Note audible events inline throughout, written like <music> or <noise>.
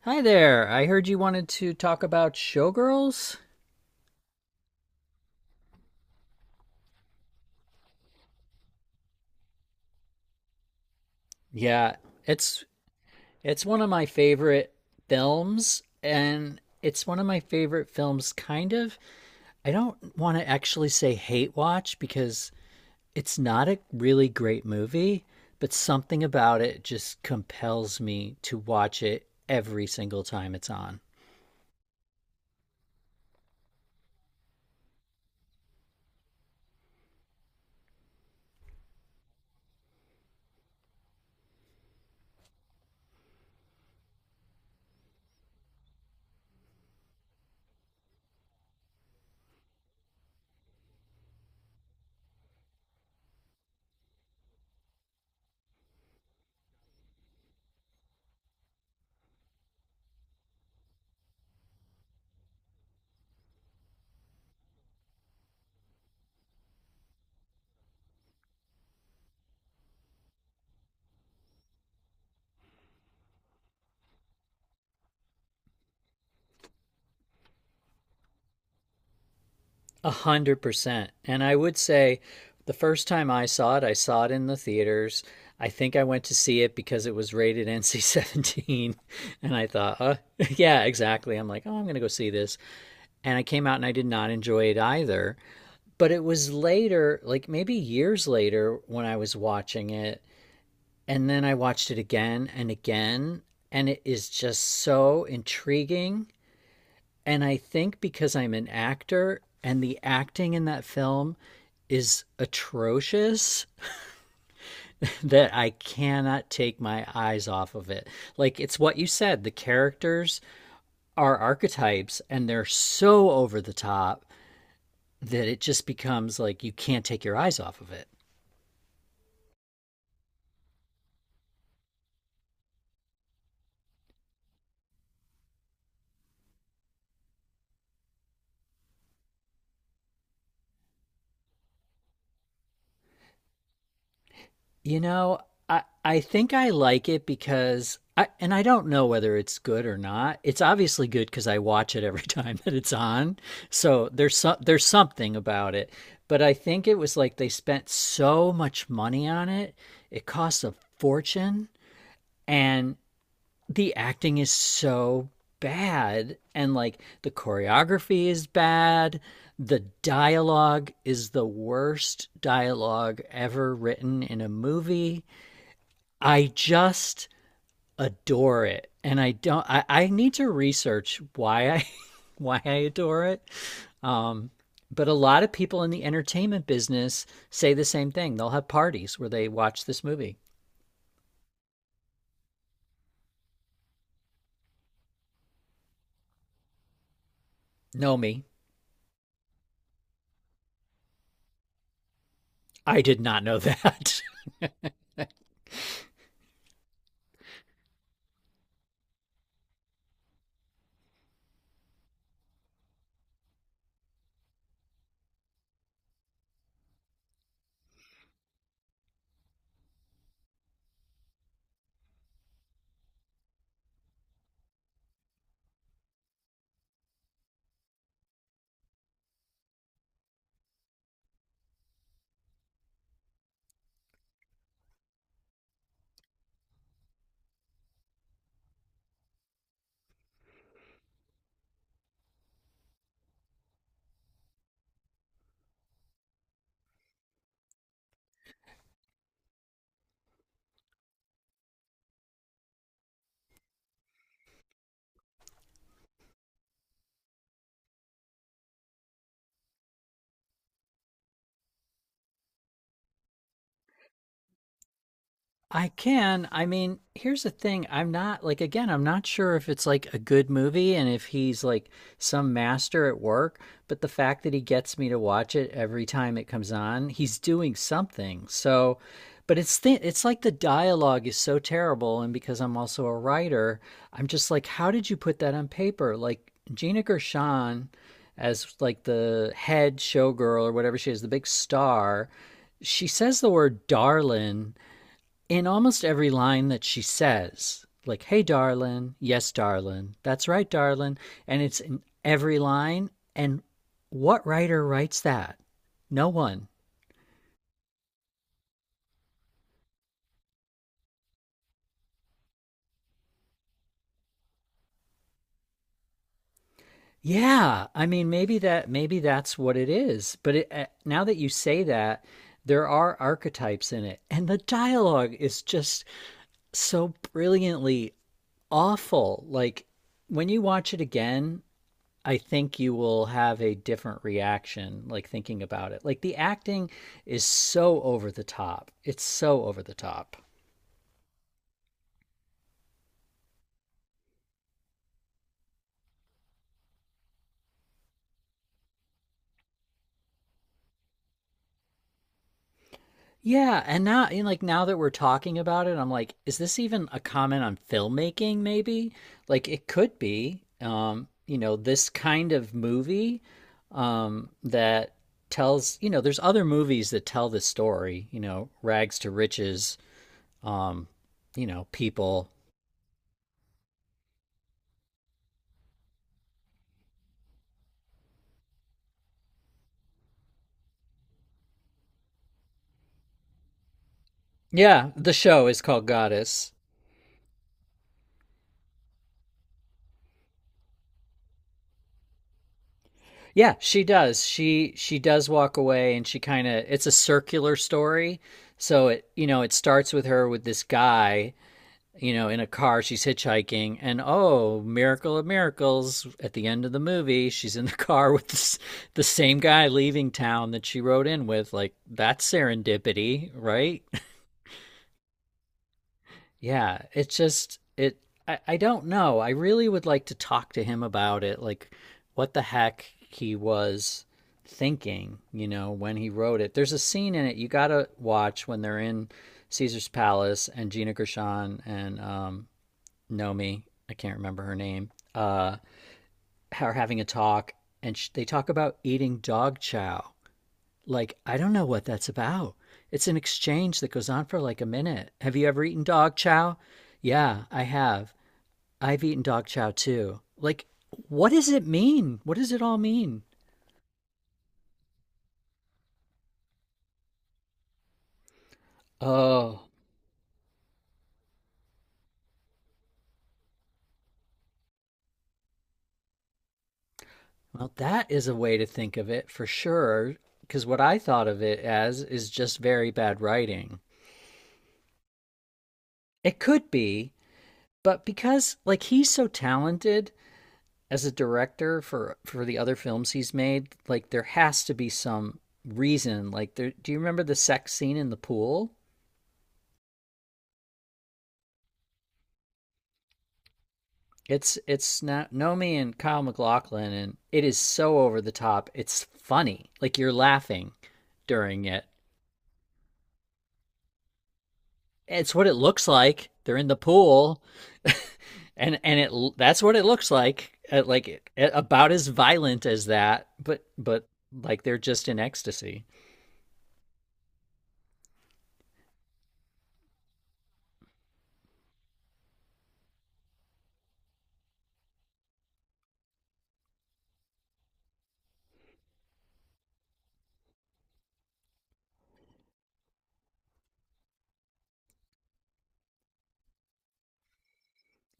Hi there. I heard you wanted to talk about Showgirls. Yeah, it's it's one of my favorite films, and it's one of my favorite films kind of. I don't want to actually say hate watch because it's not a really great movie, but something about it just compels me to watch it every single time it's on. 100%. And I would say the first time I saw it in the theaters. I think I went to see it because it was rated NC-17. <laughs> And I thought, <laughs> yeah, exactly. I'm like, oh, I'm going to go see this. And I came out and I did not enjoy it either. But it was later, like maybe years later, when I was watching it. And then I watched it again and again. And it is just so intriguing, and I think because I'm an actor and the acting in that film is atrocious <laughs> that I cannot take my eyes off of it. Like it's what you said, the characters are archetypes, and they're so over the top that it just becomes like you can't take your eyes off of it. You know, I think I like it because I, and I don't know whether it's good or not. It's obviously good because I watch it every <laughs> time that it's on. So there's something about it. But I think it was like they spent so much money on it. It costs a fortune, and the acting is so bad, and like the choreography is bad. The dialogue is the worst dialogue ever written in a movie. I just adore it, and I don't. I need to research why I <laughs> why I adore it. Um, but a lot of people in the entertainment business say the same thing. They'll have parties where they watch this movie. Know me? I did not know <laughs> that. I can. I mean, here's the thing. I'm not like, again, I'm not sure if it's like a good movie and if he's like some master at work, but the fact that he gets me to watch it every time it comes on, he's doing something. So, but it's like the dialogue is so terrible, and because I'm also a writer, I'm just like, how did you put that on paper? Like Gina Gershon, as like the head showgirl or whatever she is, the big star, she says the word darling in almost every line that she says, like, hey, darling, yes, darling, that's right, darling, and it's in every line. And what writer writes that? No one. Yeah, I mean, maybe that's what it is. But now that you say that, there are archetypes in it, and the dialogue is just so brilliantly awful. Like when you watch it again, I think you will have a different reaction, like thinking about it. Like the acting is so over the top. It's so over the top. Yeah, and now, and like now that we're talking about it, I'm like, is this even a comment on filmmaking? Maybe, like it could be. You know, this kind of movie, that tells. You know, there's other movies that tell this story. You know, rags to riches. Um, you know, people. Yeah, the show is called Goddess. Yeah, she does. She does walk away, and she kind of, it's a circular story. So it starts with her with this guy, you know, in a car, she's hitchhiking, and oh, miracle of miracles, at the end of the movie, she's in the <laughs> car with this, the same guy leaving town that she rode in with. Like that's serendipity, right? Yeah, it's just it I don't know. I really would like to talk to him about it, like what the heck he was thinking, you know, when he wrote it. There's a scene in it you gotta watch when they're in Caesar's Palace, and Gina Gershon and Nomi, I can't remember her name, are having a talk, and they talk about eating dog chow. Like, I don't know what that's about. It's an exchange that goes on for like a minute. Have you ever eaten dog chow? Yeah, I have. I've eaten dog chow too. Like, what does it mean? What does it all mean? Oh, well, that is a way to think of it for sure. Because what I thought of it as is just very bad writing. It could be, but because, like, he's so talented as a director, for the other films he's made, like there has to be some reason. Like, there, do you remember the sex scene in the pool? It's not Nomi and Kyle MacLachlan, and it is so over the top. It's funny. Like you're laughing during it. It's what it looks like. They're in the pool, <laughs> and it that's what it looks like. Like about as violent as that, but like they're just in ecstasy.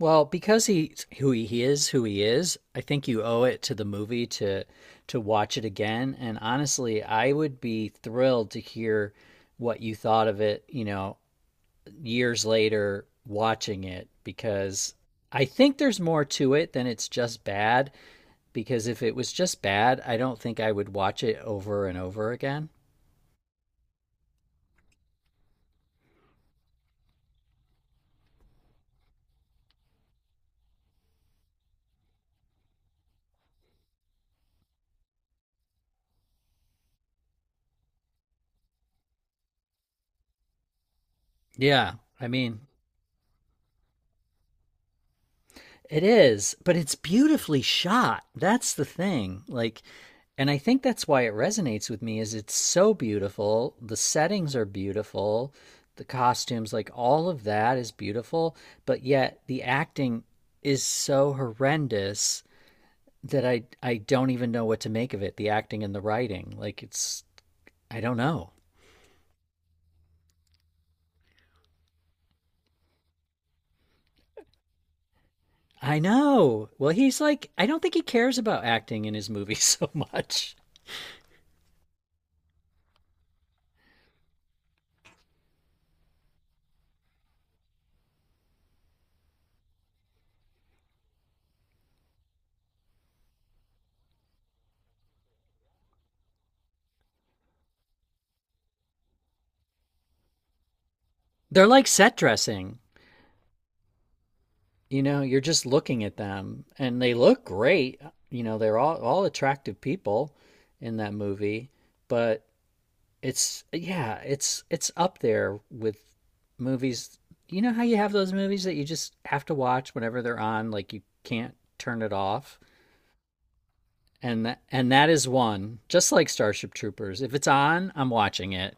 Well, because he's who he is, I think you owe it to the movie to watch it again. And honestly, I would be thrilled to hear what you thought of it, you know, years later watching it, because I think there's more to it than it's just bad, because if it was just bad, I don't think I would watch it over and over again. Yeah, I mean, it is, but it's beautifully shot. That's the thing. Like, and I think that's why it resonates with me is it's so beautiful. The settings are beautiful. The costumes, like all of that is beautiful, but yet the acting is so horrendous that I don't even know what to make of it. The acting and the writing. Like it's, I don't know. I know. Well, he's like, I don't think he cares about acting in his movies <laughs> so much. They're like set dressing. You know, you're just looking at them, and they look great. You know, they're all attractive people in that movie. But it's, yeah, it's up there with movies. You know how you have those movies that you just have to watch whenever they're on, like you can't turn it off. And that is one. Just like Starship Troopers, if it's on, I'm watching it.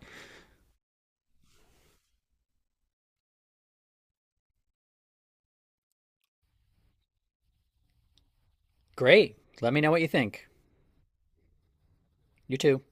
Great, let me know what you think. You too.